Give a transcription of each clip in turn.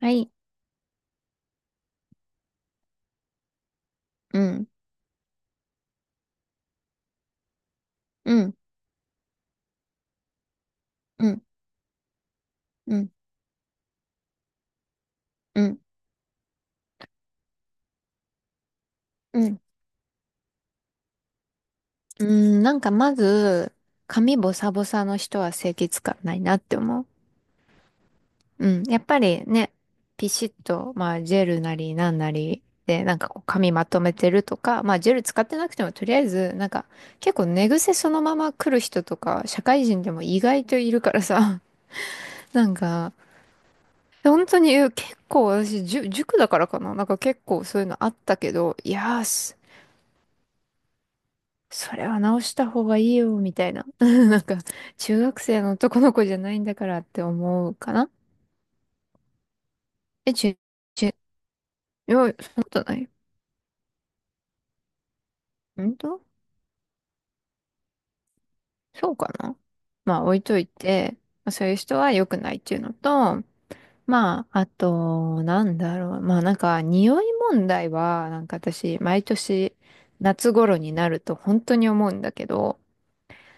はい。うん。うん。うん。うん。うん。うん。うん。なんかまず、髪ボサボサの人は清潔感ないなって思う。うん。やっぱりね、ピシッと、まあ、ジェルなりなんなりで、なんかこう髪まとめてるとか、まあ、ジェル使ってなくても、とりあえず、なんか、結構寝癖そのまま来る人とか、社会人でも意外といるからさ。なんか、本当に結構私、塾だからかな。なんか結構そういうのあったけど、いやー、それは直した方がいいよ、みたいな。なんか、中学生の男の子じゃないんだからって思うかな。え、いや、そんなことない。本当？そうかな。まあ、置いといて、まあそういう人は良くないっていうのと、まあ、あと、なんだろう。まあ、なんか、匂い問題は、なんか私、毎年、夏頃になると本当に思うんだけど、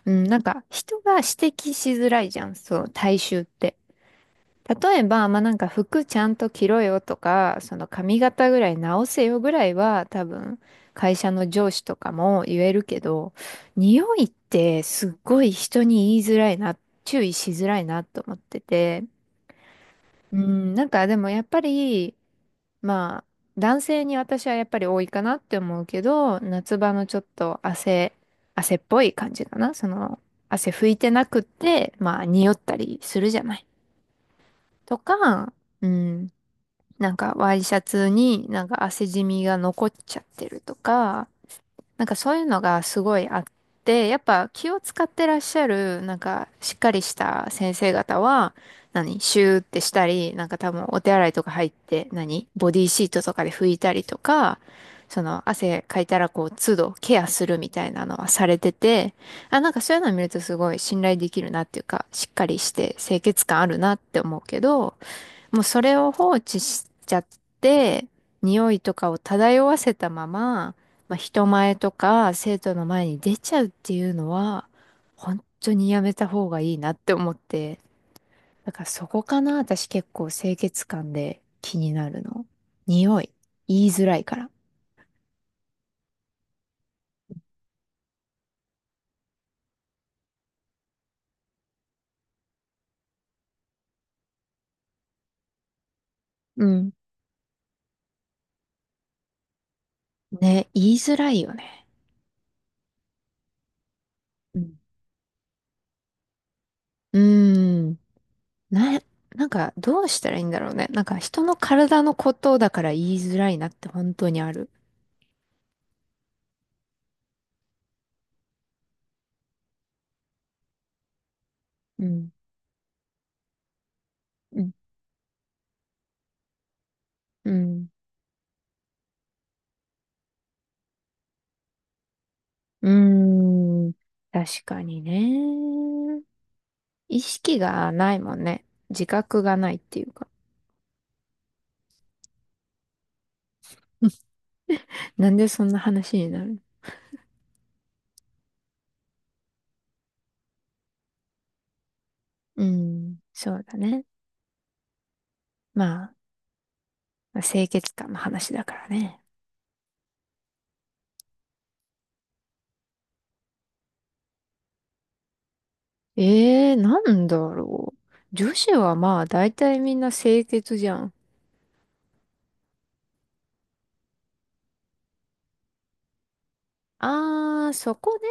うん、なんか、人が指摘しづらいじゃん、そう、体臭って。例えば、まあなんか服ちゃんと着ろよとか、その髪型ぐらい直せよぐらいは多分会社の上司とかも言えるけど、匂いってすっごい人に言いづらいな、注意しづらいなと思ってて、うん、なんかでもやっぱり、まあ男性に私はやっぱり多いかなって思うけど、夏場のちょっと汗っぽい感じかな。その汗拭いてなくって、まあ匂ったりするじゃない。とか、うん。なんかワイシャツになんか汗じみが残っちゃってるとか、なんかそういうのがすごいあって、やっぱ気を使ってらっしゃる、なんかしっかりした先生方は、何、シューってしたり、なんか多分お手洗いとか入って、何、ボディーシートとかで拭いたりとか、その汗かいたらこう都度ケアするみたいなのはされてて、あ、なんかそういうのを見るとすごい信頼できるなっていうか、しっかりして清潔感あるなって思うけど、もうそれを放置しちゃって、匂いとかを漂わせたまま、まあ、人前とか生徒の前に出ちゃうっていうのは、本当にやめた方がいいなって思って。だからそこかな、私結構清潔感で気になるの。匂い。言いづらいから。うん。ね、言いづらいよね。うん。うーん。な、なんかどうしたらいいんだろうね。なんか人の体のことだから言いづらいなって本当にある。うん。うん。うーん。確かにね。意識がないもんね。自覚がないっていうか。なんでそんな話になるの？うん。そうだね。まあ、まあ清潔感の話だからね。ええー、なんだろう。女子はまあ、大体みんな清潔じゃん。あー、そこね。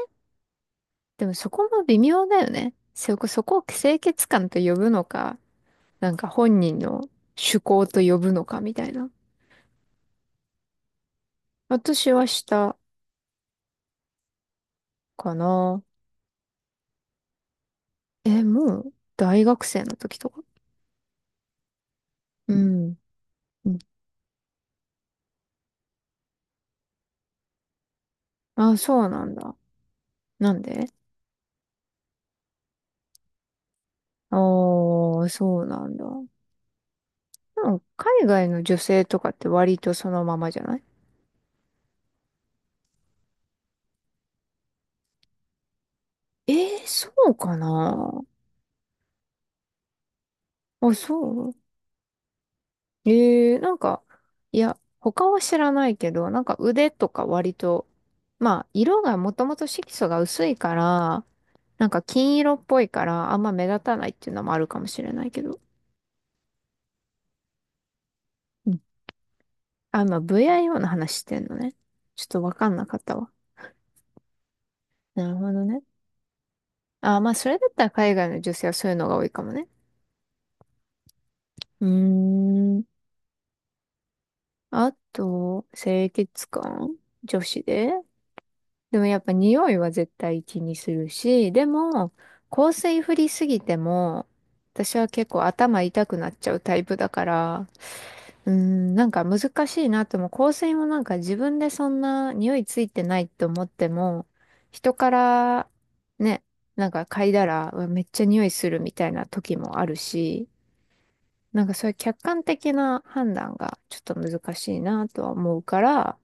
でもそこも微妙だよね。そこを清潔感と呼ぶのか、なんか本人の趣向と呼ぶのかみたいな。私はしたかな。え、もう大学生の時とか。うん。うん。あ、そうなんだ。なんで？ああー、そうなんだ。でも海外の女性とかって割とそのままじゃない？えー、そうかな。あ、そう？えー、なんか、いや、他は知らないけど、なんか腕とか割と、まあ、色がもともと色素が薄いから、なんか金色っぽいから、あんま目立たないっていうのもあるかもしれないけど。あ、まあ、VIO の話してんのね。ちょっとわかんなかったわ。なるほどね。あ、まあ、それだったら海外の女性はそういうのが多いかもね。うーん。あと、清潔感、女子で、でもやっぱ匂いは絶対気にするし、でも、香水振りすぎても、私は結構頭痛くなっちゃうタイプだから、うーん、なんか難しいなっても、香水もなんか自分でそんな匂いついてないと思っても、人からね、なんか嗅いだら、うわめっちゃ匂いするみたいな時もあるし、なんかそういう客観的な判断がちょっと難しいなとは思うから、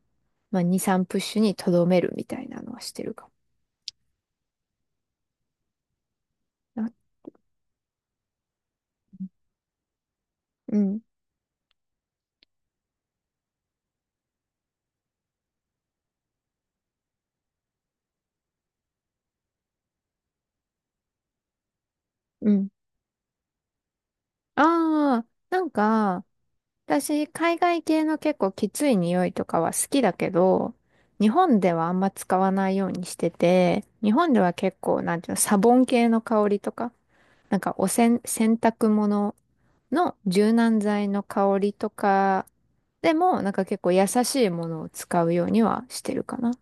まあ2、3プッシュにとどめるみたいなのはしてるかもな。うん、うん。ああ、なんか、私、海外系の結構きつい匂いとかは好きだけど、日本ではあんま使わないようにしてて、日本では結構、なんていうの、サボン系の香りとか、なんかおせん、洗濯物の柔軟剤の香りとかでも、なんか結構優しいものを使うようにはしてるかなっ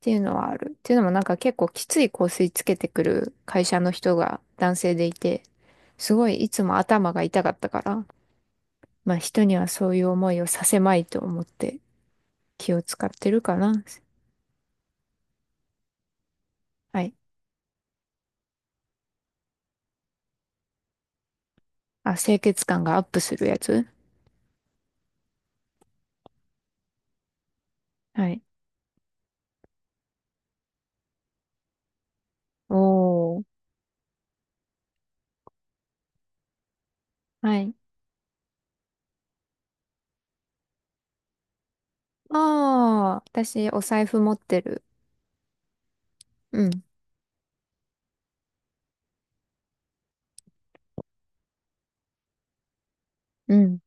ていうのはある。っていうのもなんか結構きつい香水つけてくる会社の人が男性でいて、すごいいつも頭が痛かったから、まあ人にはそういう思いをさせまいと思って気を使ってるかな。はい。あ、清潔感がアップするやつ？はい。おー。はい。ああ、私お財布持ってる。うん。うん。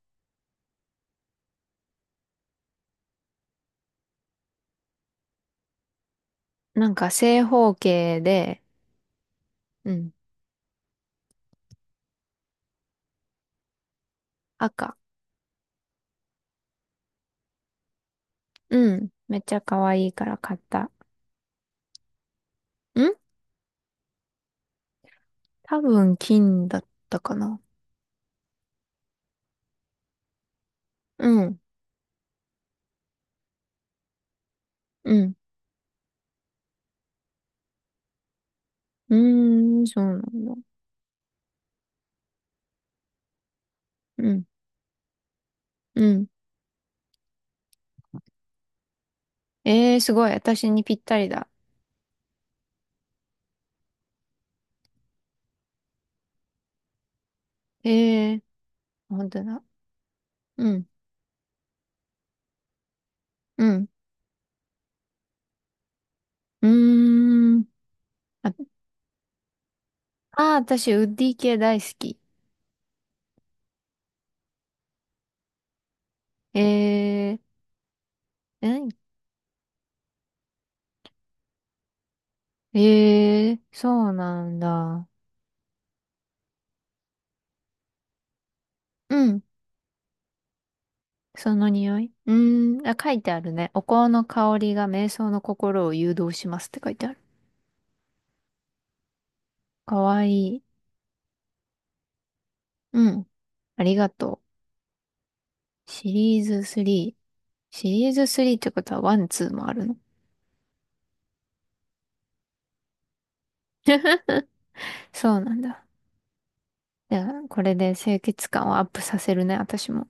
なんか正方形で、うん。赤。うん。めっちゃ可愛いから買った。ん、多分金だったかな。うん。うん。うーん、そうなんだ。うん。うん。えー、すごい。私にぴったりだ。ええー、本当だ。うん。うん。うーん。あ、あー、私、ウッディ系大好き。えー、そうなんだ。うん。その匂い。うーん。あ、書いてあるね。お香の香りが瞑想の心を誘導しますって書いてある。かわいい。うん。ありがとう。シリーズ3。シリーズ3ってことは1、2もあるの？そうなんだ。じゃあ、これで清潔感をアップさせるね、私も。